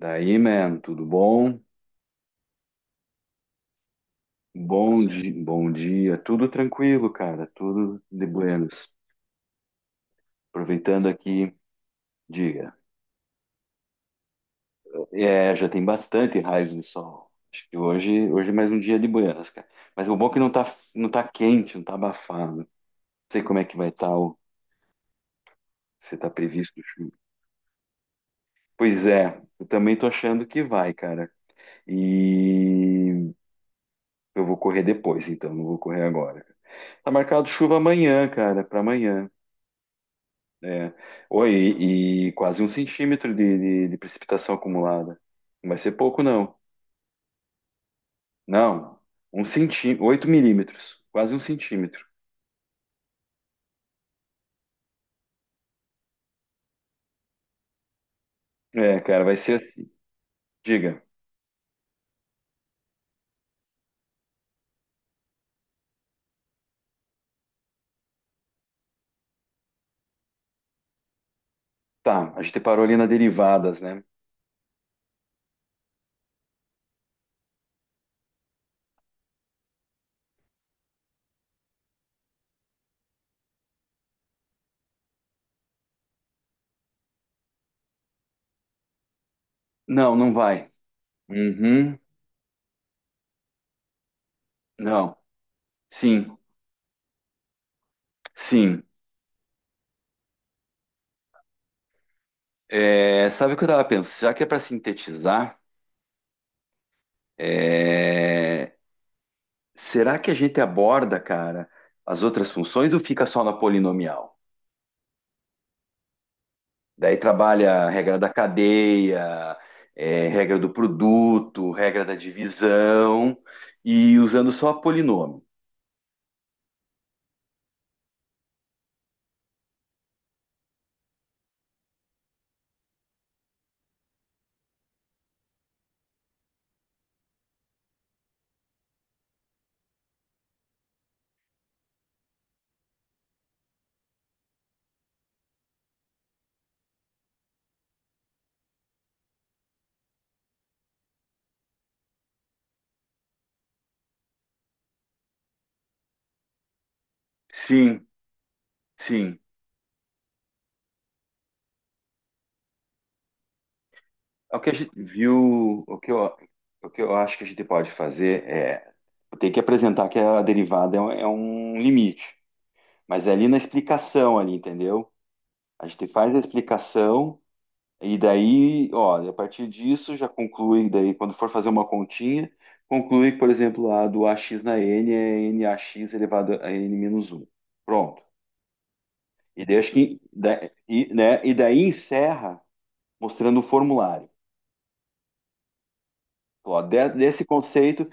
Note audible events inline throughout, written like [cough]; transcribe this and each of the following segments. Daí, man, tudo bom? Bom dia, tudo tranquilo, cara, tudo de buenos. Aproveitando aqui, diga, já tem bastante raios de sol. Acho que hoje é mais um dia de buenas, cara. Mas o bom é que não tá quente, não tá abafado. Não sei como é que vai estar, o, se tá previsto chuva. Pois é, eu também tô achando que vai, cara. E eu vou correr depois, então, não vou correr agora. Tá marcado chuva amanhã, cara, pra amanhã. É. Oi, e quase um centímetro de precipitação acumulada. Não vai ser pouco, não. Não, um centímetro, 8 mm, quase um centímetro. É, cara, vai ser assim. Diga. Tá, a gente parou ali na derivadas, né? Não, não vai. Uhum. Não. Sim, sim. É, sabe o que eu tava pensando? Já que é para sintetizar, é, será que a gente aborda, cara, as outras funções ou fica só na polinomial? Daí trabalha a regra da cadeia, regra do produto, regra da divisão, e usando só polinômio. Sim, sim. O que a gente viu, o que eu acho que a gente pode fazer é ter que apresentar que a derivada é um limite, mas é ali na explicação ali, entendeu? A gente faz a explicação. E daí, ó, a partir disso já conclui, daí quando for fazer uma continha, conclui, por exemplo, a do AX na N é NAX elevado a N menos um. Pronto. E daí, acho que, e daí encerra mostrando o formulário. Então, ó, desse conceito,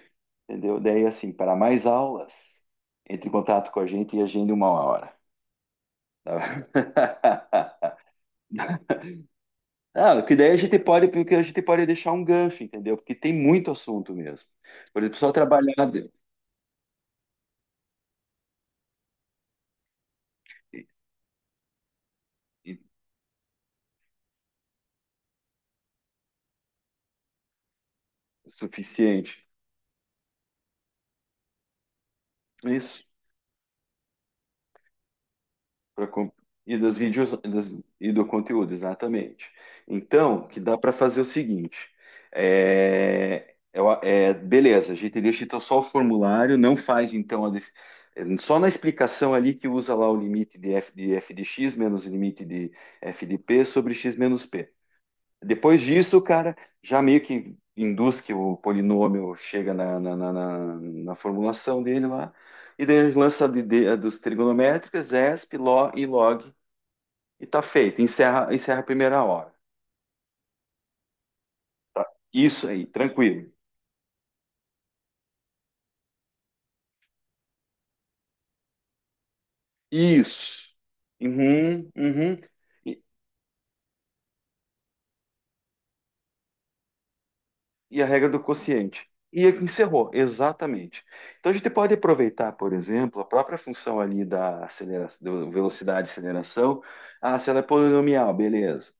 entendeu? Daí, assim, para mais aulas, entre em contato com a gente e agende uma hora. Tá? [laughs] Não, que daí a gente pode, porque a gente pode deixar um gancho, entendeu? Porque tem muito assunto mesmo. Por exemplo, só trabalhar. Suficiente. Isso, para e das vídeos e do conteúdo, exatamente. Então, que dá para fazer é o seguinte: beleza, a gente deixa então só o formulário, não faz então a def- só na explicação ali que usa lá o limite de f de x menos o limite de f de p sobre x menos p. Depois disso, cara, já meio que induz que o polinômio chega na formulação dele lá, e daí lança dos trigonométricas, ESP, LO e log, e tá feito. Encerra, encerra a primeira hora. Isso aí, tranquilo. Isso. Uhum, uhum. E a regra do quociente. E encerrou, exatamente. Então a gente pode aproveitar, por exemplo, a própria função ali da aceleração, do velocidade e aceleração. Ah, se ela é polinomial, beleza.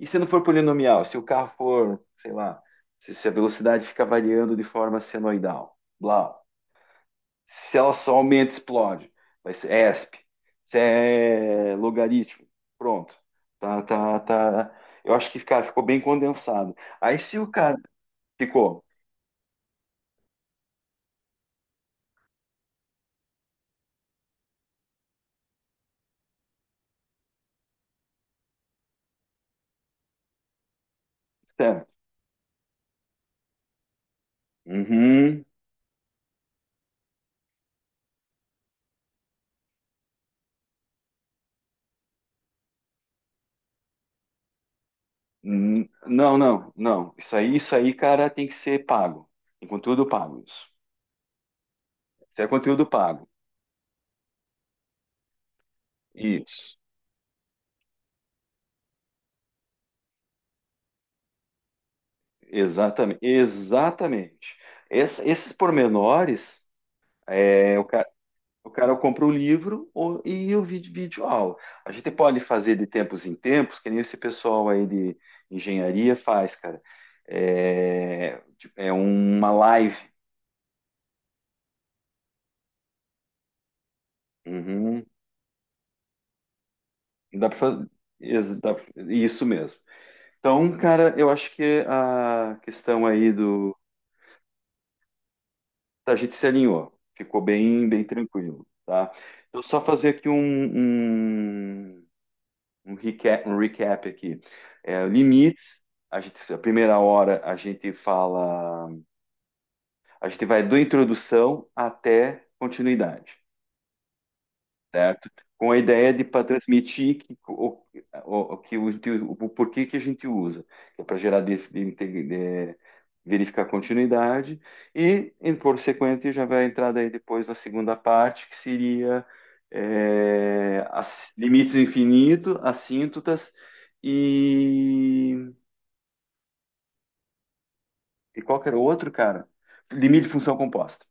E se não for polinomial, se o carro for, sei lá, se a velocidade fica variando de forma senoidal, blá. Se ela só aumenta, explode. Vai ser ESP. Se é logaritmo, pronto. Tá. Eu acho que, cara, ficou bem condensado. Aí se o cara ficou, sério. Uhum. Não, não, não. Isso aí, cara, tem que ser pago. Tem conteúdo pago, isso. Isso é conteúdo pago. Isso. Exatamente. Exatamente. Esses pormenores, é, o cara, o cara compra o livro e o vídeo, vídeo aula. A gente pode fazer de tempos em tempos, que nem esse pessoal aí de engenharia faz, cara. É, tipo, é uma live. Uhum. Dá para fazer. Ex- dá- Isso mesmo. Então, cara, eu acho que a questão aí do. A gente se alinhou, ficou bem, bem tranquilo, tá? Então, só fazer aqui um, um recap aqui. É, limites, a primeira hora a gente fala, a gente vai do introdução até continuidade. Certo? Com a ideia de para transmitir que o porquê que a gente usa, que é para gerar verificar continuidade e, em por sequente, já vai entrar daí depois na segunda parte, que seria as limites do infinito, assíntotas e, e qual era o outro, cara? Limite de função composta.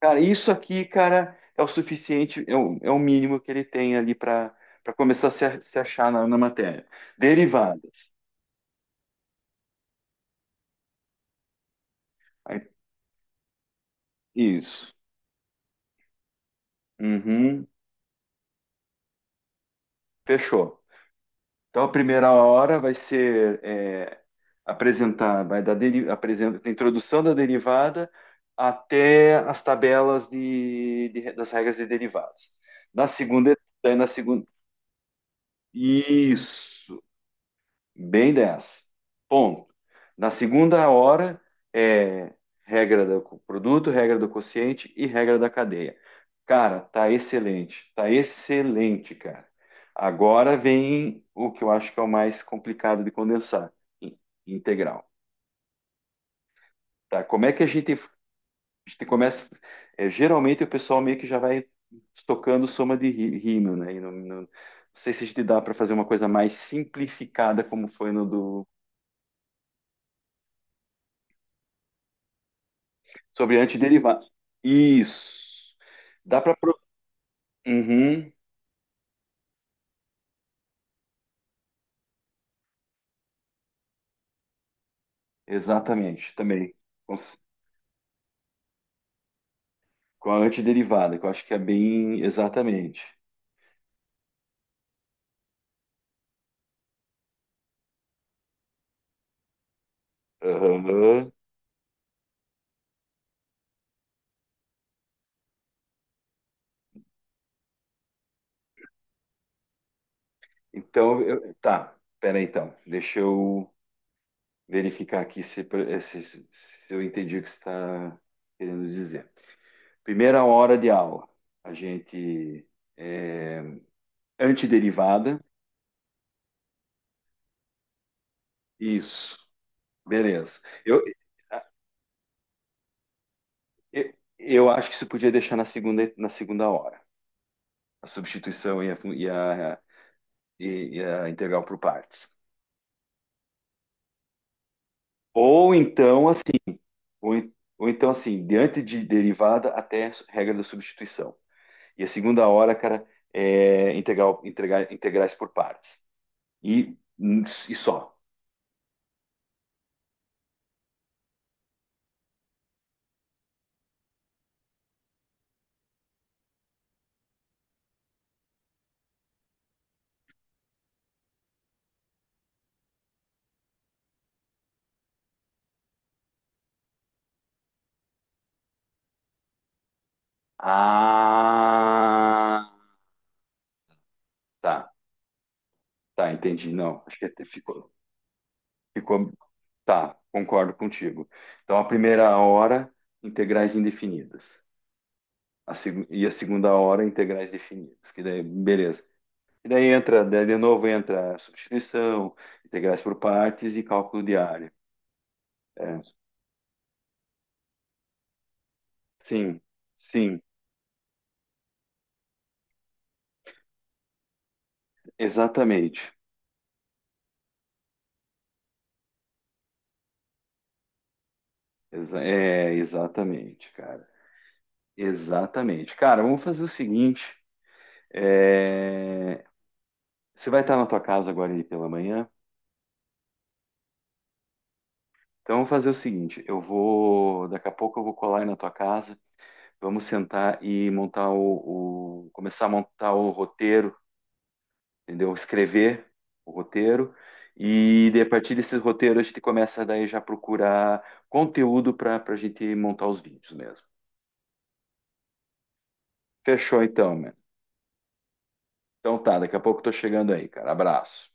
Cara, isso aqui, cara, é o suficiente, é o mínimo que ele tem ali para começar a se achar na, na matéria. Derivadas. Aí, isso. Uhum. Fechou. Então, a 1ª hora vai ser apresentar, apresenta, a introdução da derivada até as tabelas das regras de derivadas. Daí na segunda, isso. Bem 10. Ponto. Na segunda hora é regra do produto, regra do quociente e regra da cadeia. Cara, tá excelente, cara. Agora vem o que eu acho que é o mais complicado de condensar, in- integral, tá? Como é que a gente começa? Geralmente o pessoal meio que já vai tocando soma de rímel, né? E não sei se a gente dá para fazer uma coisa mais simplificada como foi no do. Sobre antiderivados. Isso. Dá para. Uhum, exatamente, também. Com, com a antiderivada, que eu acho que é bem. Exatamente. Aham. Então, tá. Pera aí, então. Deixa eu verificar aqui se eu entendi o que você está querendo dizer. Primeira hora de aula, a gente. É, antiderivada. Isso. Beleza. Eu, eh, eu acho que você podia deixar na segunda hora. A substituição e a integral por partes. Ou então, assim, ou, ou então, assim, diante de derivada até regra da substituição. E a segunda hora, cara, é integral, integrar, integrais por partes. E, e só. Ah, tá, tá, entendi. Não, acho que até ficou, ficou, tá, concordo contigo. Então, a primeira hora, integrais indefinidas. E a segunda hora, integrais definidas. Que daí, beleza. E daí entra, daí de novo entra substituição, integrais por partes e cálculo de área. É, sim, sim, exatamente. Exatamente, cara. Exatamente. Cara, vamos fazer o seguinte. é, Você vai estar na tua casa agora aí pela manhã? Então vamos fazer o seguinte, eu vou, daqui a pouco eu vou colar aí na tua casa, vamos sentar e montar começar a montar o roteiro, entendeu? Escrever o roteiro e a partir desses roteiros a gente começa daí já a procurar conteúdo para a gente montar os vídeos mesmo. Fechou então, mano. Então tá, daqui a pouco eu tô chegando aí, cara. Abraço.